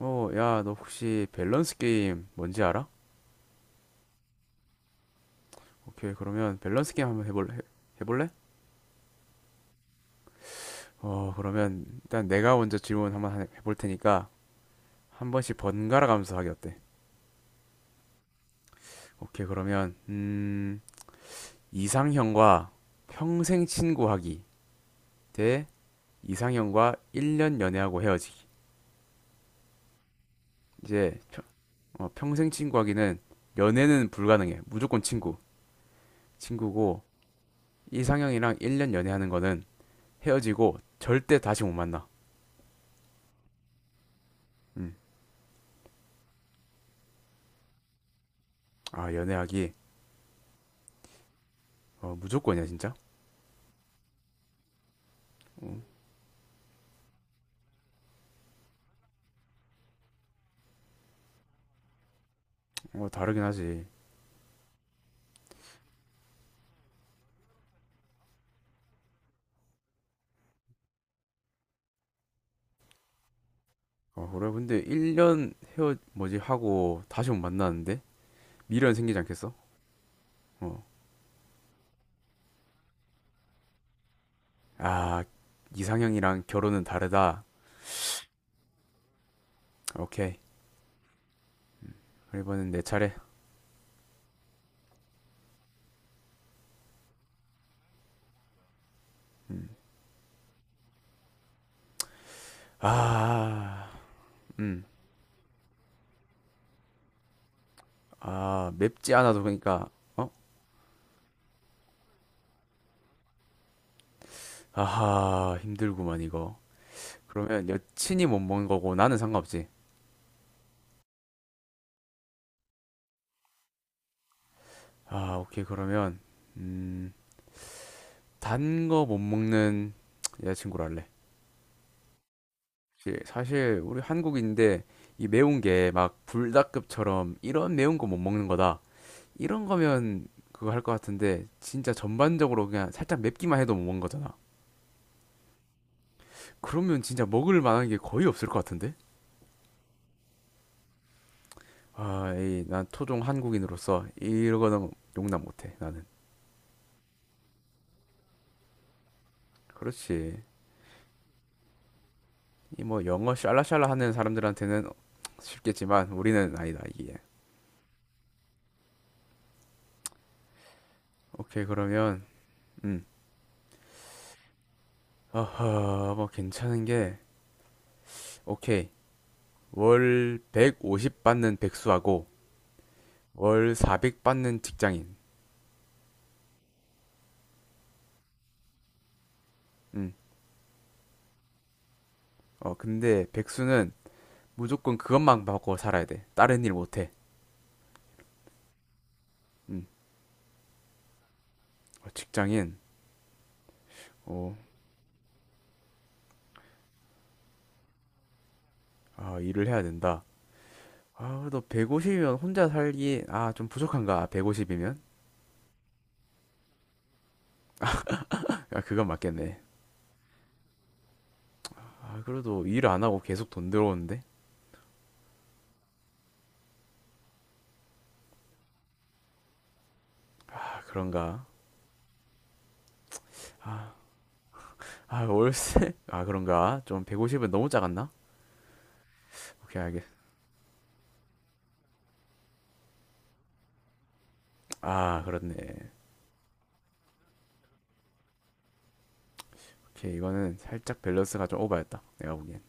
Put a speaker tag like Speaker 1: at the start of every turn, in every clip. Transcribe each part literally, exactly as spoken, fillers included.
Speaker 1: 어, 야, 너 혹시 밸런스 게임 뭔지 알아? 오케이, 그러면 밸런스 게임 한번 해볼, 해, 해볼래? 어, 그러면 일단 내가 먼저 질문 한번 하- 해볼 테니까 한 번씩 번갈아 가면서 하기 어때? 오케이, 그러면, 음, 이상형과 평생 친구하기 대 이상형과 일 년 연애하고 헤어지기. 이제 평, 어, 평생 친구하기는 연애는 불가능해. 무조건 친구. 친구고, 이상형이랑 일 년 연애하는 거는 헤어지고 절대 다시 못 만나. 음. 아, 연애하기. 어, 무조건이야, 진짜? 어, 다르긴 하지. 어, 그래. 근데 일 년 헤어, 뭐지, 하고 다시 못 만나는데? 미련 생기지 않겠어? 어. 아, 이상형이랑 결혼은 다르다. 오케이. 이번엔 내 차례. 음. 아, 음. 아, 맵지 않아도 그러니까, 어? 아하, 힘들구만, 이거. 그러면 여친이 못 먹는 거고 나는 상관없지. 아, 오케이. 그러면, 음, 단 거 못 먹는 여자친구로 할래. 그치. 사실 우리 한국인데 이 매운 게 막 불닭급처럼 이런 매운 거 못 먹는 거다. 이런 거면 그거 할 것 같은데 진짜 전반적으로 그냥 살짝 맵기만 해도 못 먹는 거잖아. 그러면 진짜 먹을 만한 게 거의 없을 것 같은데? 아, 이, 난 토종 한국인으로서 이거는 용납 못해, 나는. 그렇지. 이 뭐 영어 샬라샬라 하는 사람들한테는 쉽겠지만 우리는 아니다, 이게. 오케이, 그러면, 음. 어허, 뭐 괜찮은 게, 오케이. 월 백오십 받는 백수하고 월 사백 받는 직장인. 음. 어, 근데 백수는 무조건 그것만 받고 살아야 돼. 다른 일 못 해. 음. 어, 직장인. 어, 아, 일을 해야 된다. 아, 그래도 백오십이면 혼자 살기, 아, 좀 부족한가, 백오십이면? 야, 그건 맞겠네. 아, 그래도 일 안 하고 계속 돈 들어오는데? 아, 그런가? 아, 아, 월세? 아, 그런가? 좀 백오십은 너무 작았나? 오케이, 알겠, 아, 그렇네. 오케이, 이거는 살짝 밸런스가 좀 오바였다, 내가 보기엔.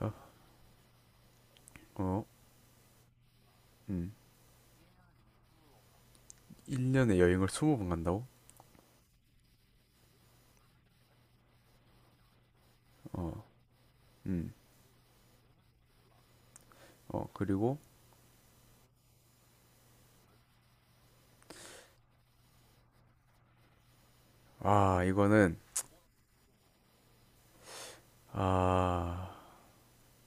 Speaker 1: 어, 어, 음, 일 년에 여행을 스무 번 간다고? 어, 음, 어, 그리고, 아 이거는 아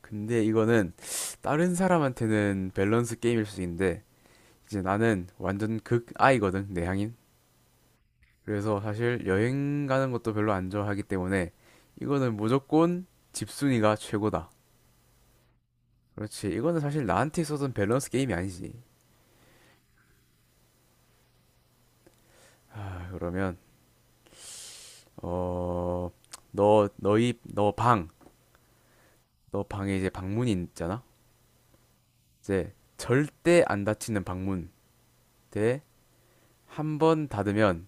Speaker 1: 근데 이거는 다른 사람한테는 밸런스 게임일 수 있는데 이제 나는 완전 극아이거든, 내향인. 그래서 사실 여행 가는 것도 별로 안 좋아하기 때문에 이거는 무조건 집순이가 최고다. 그렇지, 이거는 사실 나한테 있어서는 밸런스 게임이 아니지. 아, 그러면, 어, 너, 너희, 너 방, 너 방에 이제 방문이 있잖아? 이제 절대 안 닫히는 방문. 대, 한 번 닫으면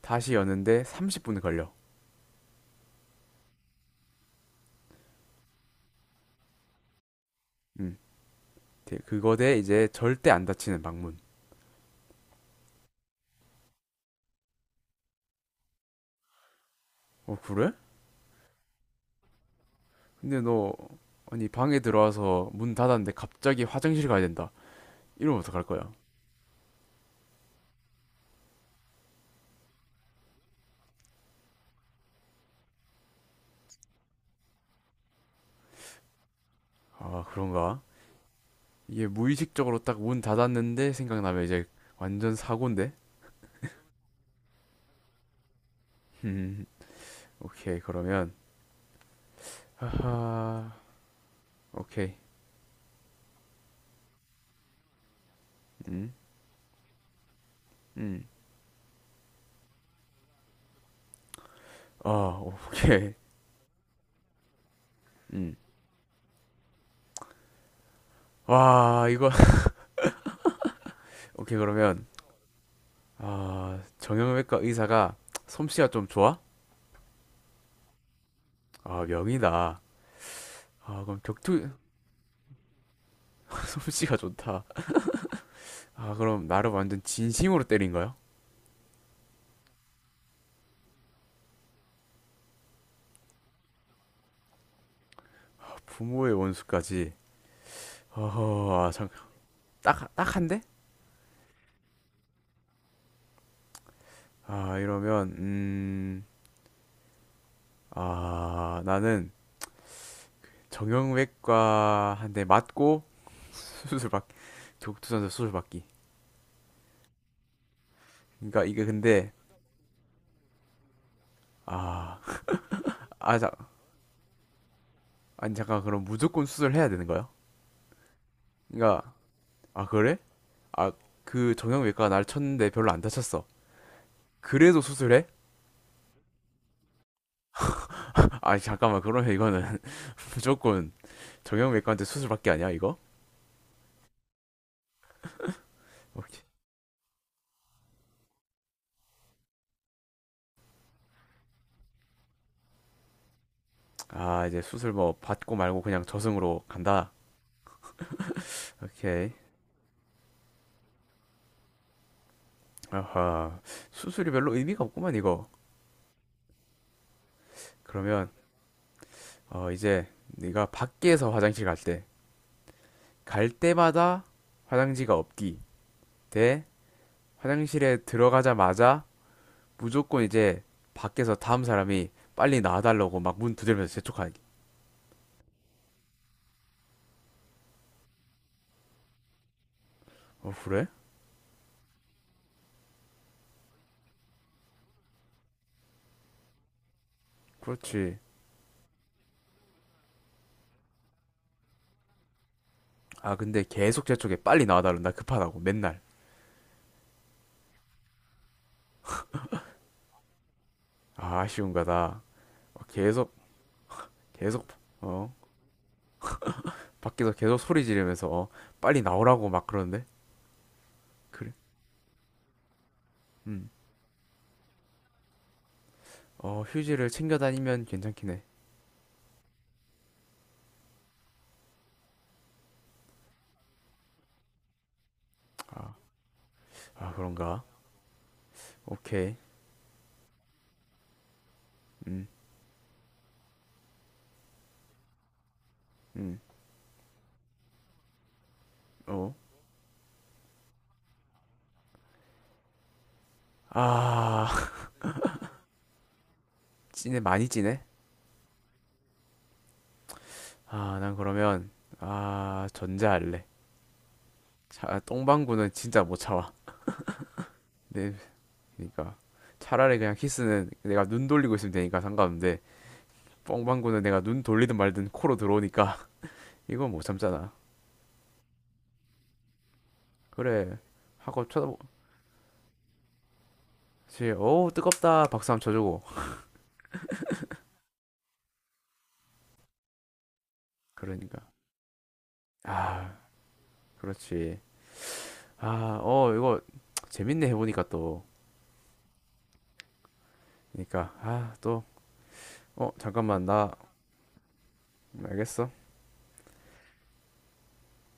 Speaker 1: 다시 여는데 삼십 분 걸려. 음, 대- 그거 대 이제 절대 안 닫히는 방문. 어, 그래? 근데 너, 아니, 방에 들어와서 문 닫았는데 갑자기 화장실 가야 된다. 이러면 어떡할 거야? 아, 그런가? 이게 무의식적으로 딱 문 닫았는데 생각나면 이제 완전 사고인데? 음, 오케이, 그러면, 하하, 오케이. 음, 음, 아, 오케이. 음. 와, 이거, 오케이, 그러면, 아, 정형외과 의사가 솜씨가 좀 좋아? 아, 명이다. 아, 그럼 격투, 솜씨가 좋다. 아, 그럼 나를 완전 진심으로 때린 거야? 아, 부모의 원수까지. 어허, 아, 잠깐, 딱, 딱 한데? 아, 이러면, 음, 아, 나는 정형외과 한 대 맞고 수술 받기, 격투선수 수술 받기. 그러니까 이게 근데, 아, 아, 자, 아니 잠깐 그럼 무조건 수술해야 되는 거야? 그러니까, 아, 그래? 아, 그 정형외과가 날 쳤는데 별로 안 다쳤어. 그래도 수술해? 아, 잠깐만, 그러면 이거는 무조건 정형외과한테 수술밖에 아니야, 이거? 오케이. 아, 이제 수술 뭐 받고 말고 그냥 저승으로 간다. 오케이. 아하, 수술이 별로 의미가 없구만, 이거. 그러면, 어, 이제 네가 밖에서 화장실 갈 때, 갈 때마다 화장지가 없기 대 화장실에 들어가자마자 무조건 이제 밖에서 다음 사람이 빨리 나와달라고 막 문 두드리면서 재촉하기. 어, 그래? 그렇지. 아, 근데 계속 재촉해. 빨리 나와달라. 나 급하다고. 맨날. 아, 아쉬운 거다. 어, 계속, 계속, 어, 밖에서 계속 소리 지르면서, 어, 빨리 나오라고 막 그러는데? 그래. 음. 어, 휴지를 챙겨 다니면 괜찮긴 해. 아, 아, 그런가? 오케이. 음, 음, 어. 아, 찐해, 많이 찐해? 아, 난 그러면, 아, 전자할래. 자, 똥방구는 진짜 못 참아. 네, 그러니까 차라리 그냥 키스는 내가 눈 돌리고 있으면 되니까 상관없는데 뻥방구는 내가 눈 돌리든 말든 코로 들어오니까 이건 못 참잖아. 그래, 하고 쳐다보. 그렇지. 오, 뜨겁다. 박수 한번 쳐주고. 그러니까, 아, 그렇지. 아 어 이거 재밌네, 해보니까 또. 그러니까, 아, 또, 어, 잠깐만, 나. 알겠어.